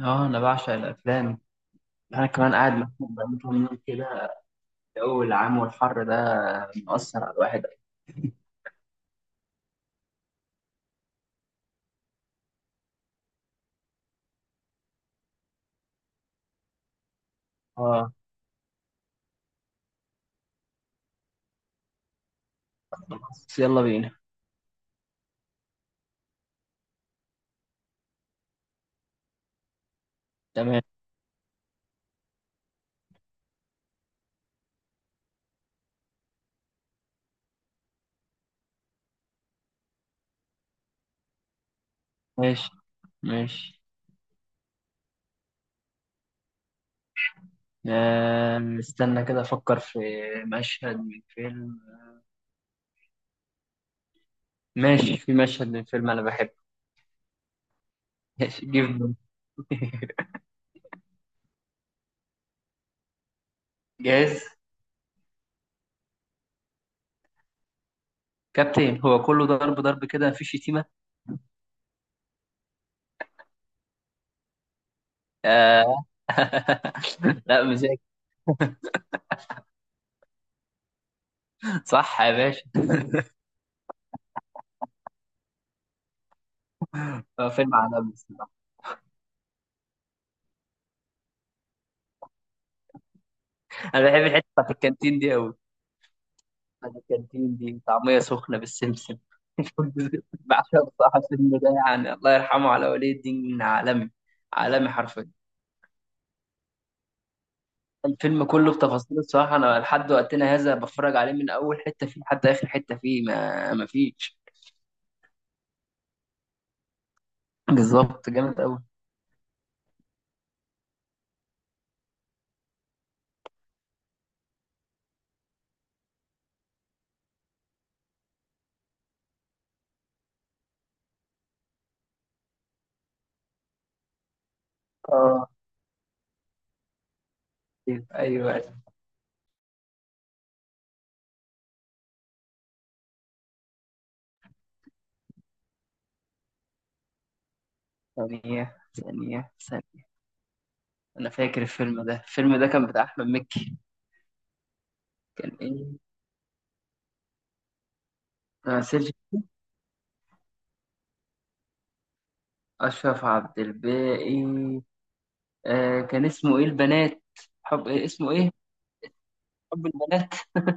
اه، انا بعشق الافلام. انا كمان قاعد مخنوق بقالي كام يوم كده. الجو العام والحر ده مأثر على الواحد. اه، بس يلا بينا. تمام. ماشي ماشي. استنى كده افكر في مشهد من فيلم. ماشي، في مشهد من فيلم انا بحبه. ماشي جيب. جاهز. كابتن، هو كله ضرب ضرب كده، مفيش شتيمة. آه. لا مش هيك. صح يا باشا. هو فيلم عالمي الصراحة. انا بحب الحتة بتاعت الكانتين دي قوي. أنا الكانتين دي طعمية سخنة بالسمسم. بعشق صح الفيلم ده، يعني الله يرحمه على ولي الدين، عالمي. عالمي حرفيا. الفيلم كله بتفاصيله الصراحة، أنا لحد وقتنا هذا بتفرج عليه من أول حتة فيه لحد آخر حتة فيه، ما فيش. بالظبط، جامد أوي. آه، أيوه أيوه. ثانية ثانية ثانية، أنا فاكر الفيلم ده، الفيلم ده كان بتاع أحمد مكي. كان إيه؟ آه سيرج، أشرف عبد الباقي. آه كان اسمه إيه؟ البنات، حب إيه، اسمه إيه؟ حب البنات.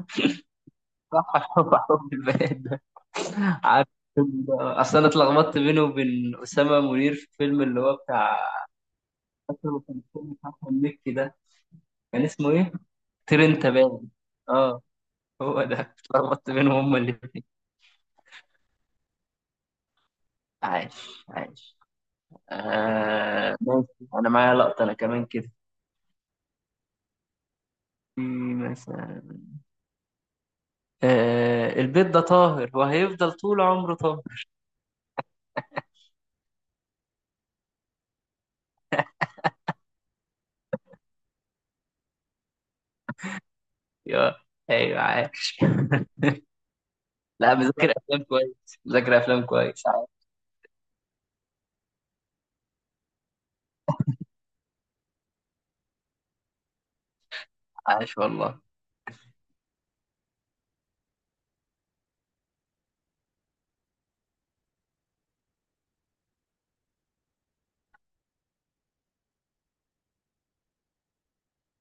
صح، حب البنات ده. عارف اصل انا اتلخبطت بينه وبين اسامه منير في الفيلم اللي هو بتاع. فاكره اللي كان فيلم بتاع أحمد مكي ده كان اسمه ايه؟ طير انت باين. اه، هو ده، اتلخبطت بينهم هما الاتنين. عايش عايش. آه ماشي. انا معايا لقطه انا كمان كده. في، مثلا، آه البيت ده طاهر وهيفضل طول عمره طاهر. يا، ايوه عايش. لا، مذاكر افلام كويس، مذاكر افلام كويس. عاش والله.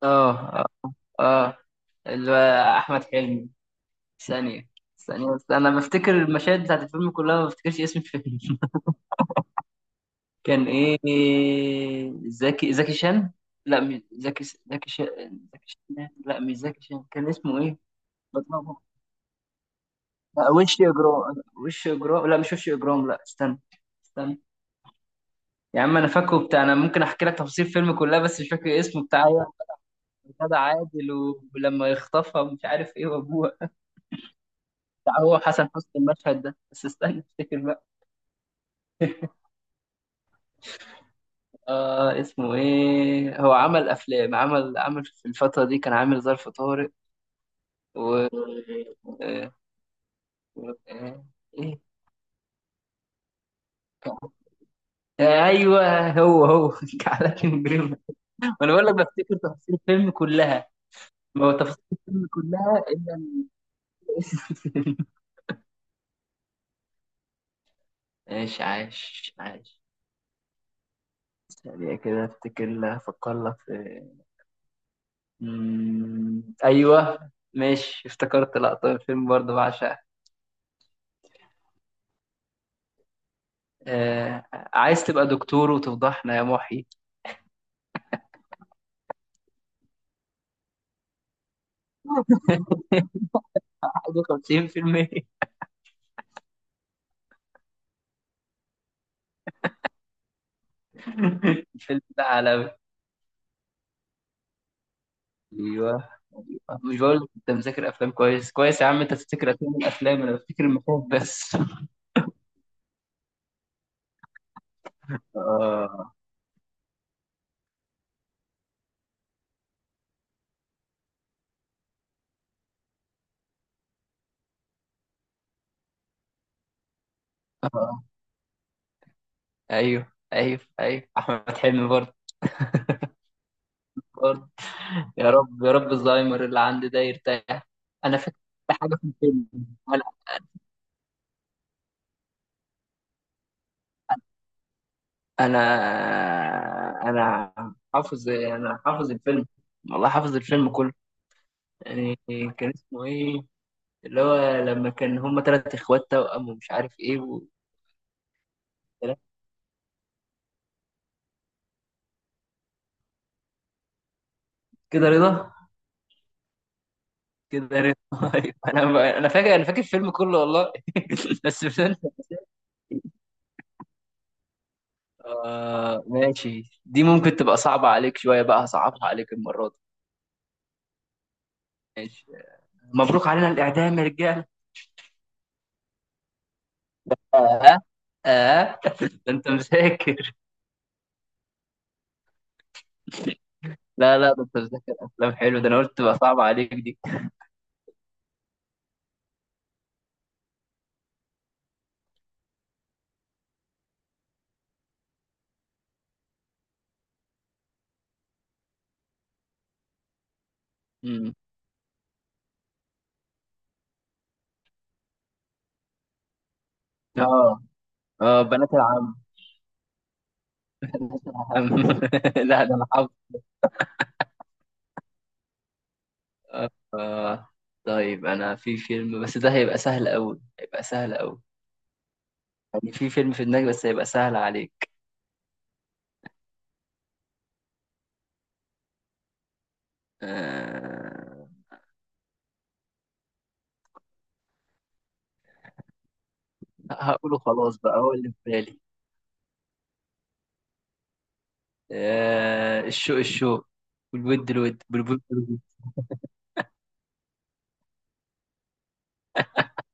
اه اه، اللي هو احمد حلمي. ثانيه، ثانيه بس، انا بفتكر المشاهد بتاعت الفيلم كلها، ما بفتكرش اسم الفيلم. كان ايه؟ زكي زكي شان، لا مش زكي زكي شان، زكي شان، لا مش زكي شان. كان اسمه ايه؟ بتلخبط. لا وش اجرام، وش اجرام، لا مش وش اجرام، لا استنى، استنى. يا عم انا فاكره بتاع، انا ممكن احكي لك تفاصيل الفيلم كلها بس مش فاكر اسمه بتاع. غادة عادل، ولما يخطفها مش عارف ايه وابوها. لا هو حسن حسني المشهد ده، بس استنى افتكر بقى. آه اسمه ايه؟ هو عمل افلام، عمل في الفترة دي، كان عامل ظرف طارق. و آه، و- آه، ايه كان- ايوه هو هو. على جريمة. وانا بقول لك بفتكر تفاصيل الفيلم كلها. ما هو تفاصيل الفيلم كلها، الا اسم الفيلم. عاش عاش عاش. ثانية كده افتكر لها، افكر لك في، ايوه. ماشي، افتكرت لقطة من الفيلم برضه بعشقها. آه، عايز تبقى دكتور وتفضحنا يا محي. 51%. الفيلم ده عالمي. ايوه. أيوة. مش بقول لك انت مذاكر افلام كويس كويس، يا عم انت تفتكر افلام، الافلام انا بفتكر المخاوف بس. آه. آه. ايوه ايوه ايوه، احمد حلمي برضه، برضه. يا رب يا رب الزهايمر اللي عندي ده يرتاح. انا فاكر حاجه في الفيلم. انا انا أنا حافظ، انا حافظ الفيلم، والله حافظ الفيلم كله. يعني كان اسمه ايه اللي هو لما كان هما تلات اخوات توأم ومش عارف ايه و... كده رضا، كده رضا. أيوة. انا فاكر، انا فاكر الفيلم كله والله. بس مش انت. آه ماشي، دي ممكن تبقى صعبة عليك شوية بقى، هصعبها عليك المرة دي. ماشي. مبروك علينا الإعدام يا رجال. آه آه. ده أنت مذاكر. لا ده أنت مذاكر أفلام حلو، ده أنا قلت تبقى صعبة عليك دي. مم. آه، آه، بنات العم. بنات العم. لا ده أنا. آه، طيب أنا في فيلم بس ده هيبقى سهل أوي، هيبقى سهل أوي. يعني في فيلم في دماغي بس هيبقى سهل عليك. آه، هقوله خلاص بقى هو اللي في بالي. آه، الشوق الشوق، والود الود، والبلبل بالبلبل.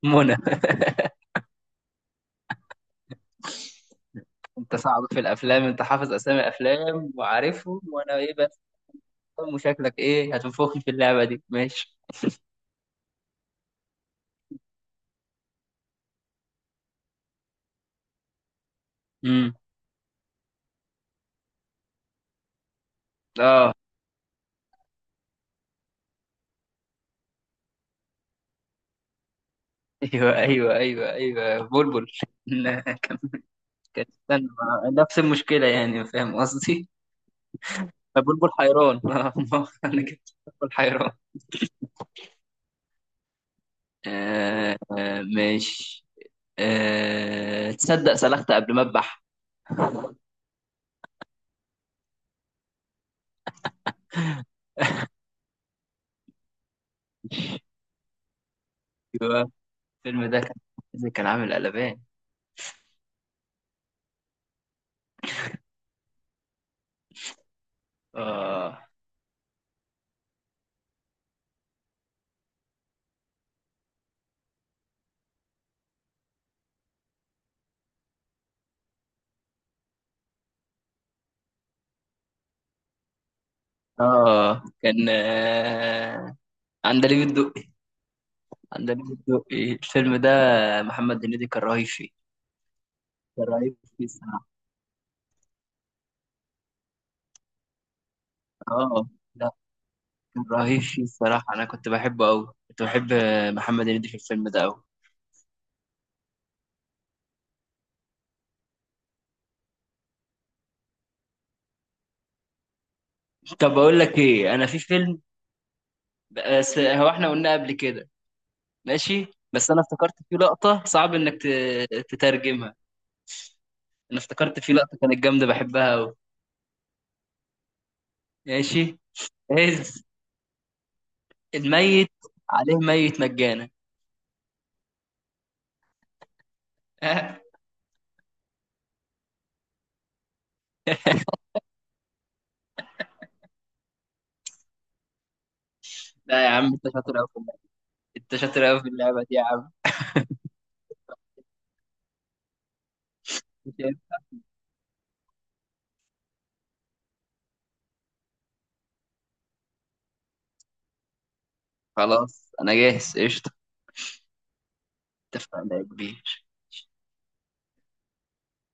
منى. أنت صعب في الأفلام، أنت حافظ أسامي الأفلام وعارفهم، وأنا إيه بس؟ وشكلك إيه هتنفخني في اللعبة دي؟ ماشي. امم، آه أيوه أيوه أيوه أيوه بلبل. كانت، استنى، نفس المشكلة يعني، فاهم قصدي؟ فبلبل حيران. أنا كده بلبل حيران. آه آه ماشي. آه، تصدق سلخت قبل ما أذبح. أيوة. الفيلم ده كان عامل قلبان. آه، آه كان آه، عندليب الدقي. عندليب الدقي الفيلم ده، محمد هنيدي كان رهيب فيه. كان رهيب فيه الصراحة. آه، لا كان رهيب فيه الصراحة، أنا كنت بحبه أوي، كنت بحب محمد هنيدي في الفيلم ده أوي. طب بقول لك ايه، انا في فيلم، بس هو احنا قلنا قبل كده. ماشي، بس انا افتكرت فيه لقطة صعب انك تترجمها. انا افتكرت فيه لقطة كانت جامدة بحبها قوي. ماشي. هز الميت، عليه ميت مجانا. لا يا عم انت شاطر قوي في اللعبة، انت شاطر قوي في اللعبة دي يا عم. خلاص انا جاهز قشطة. اتفقنا يا كبير.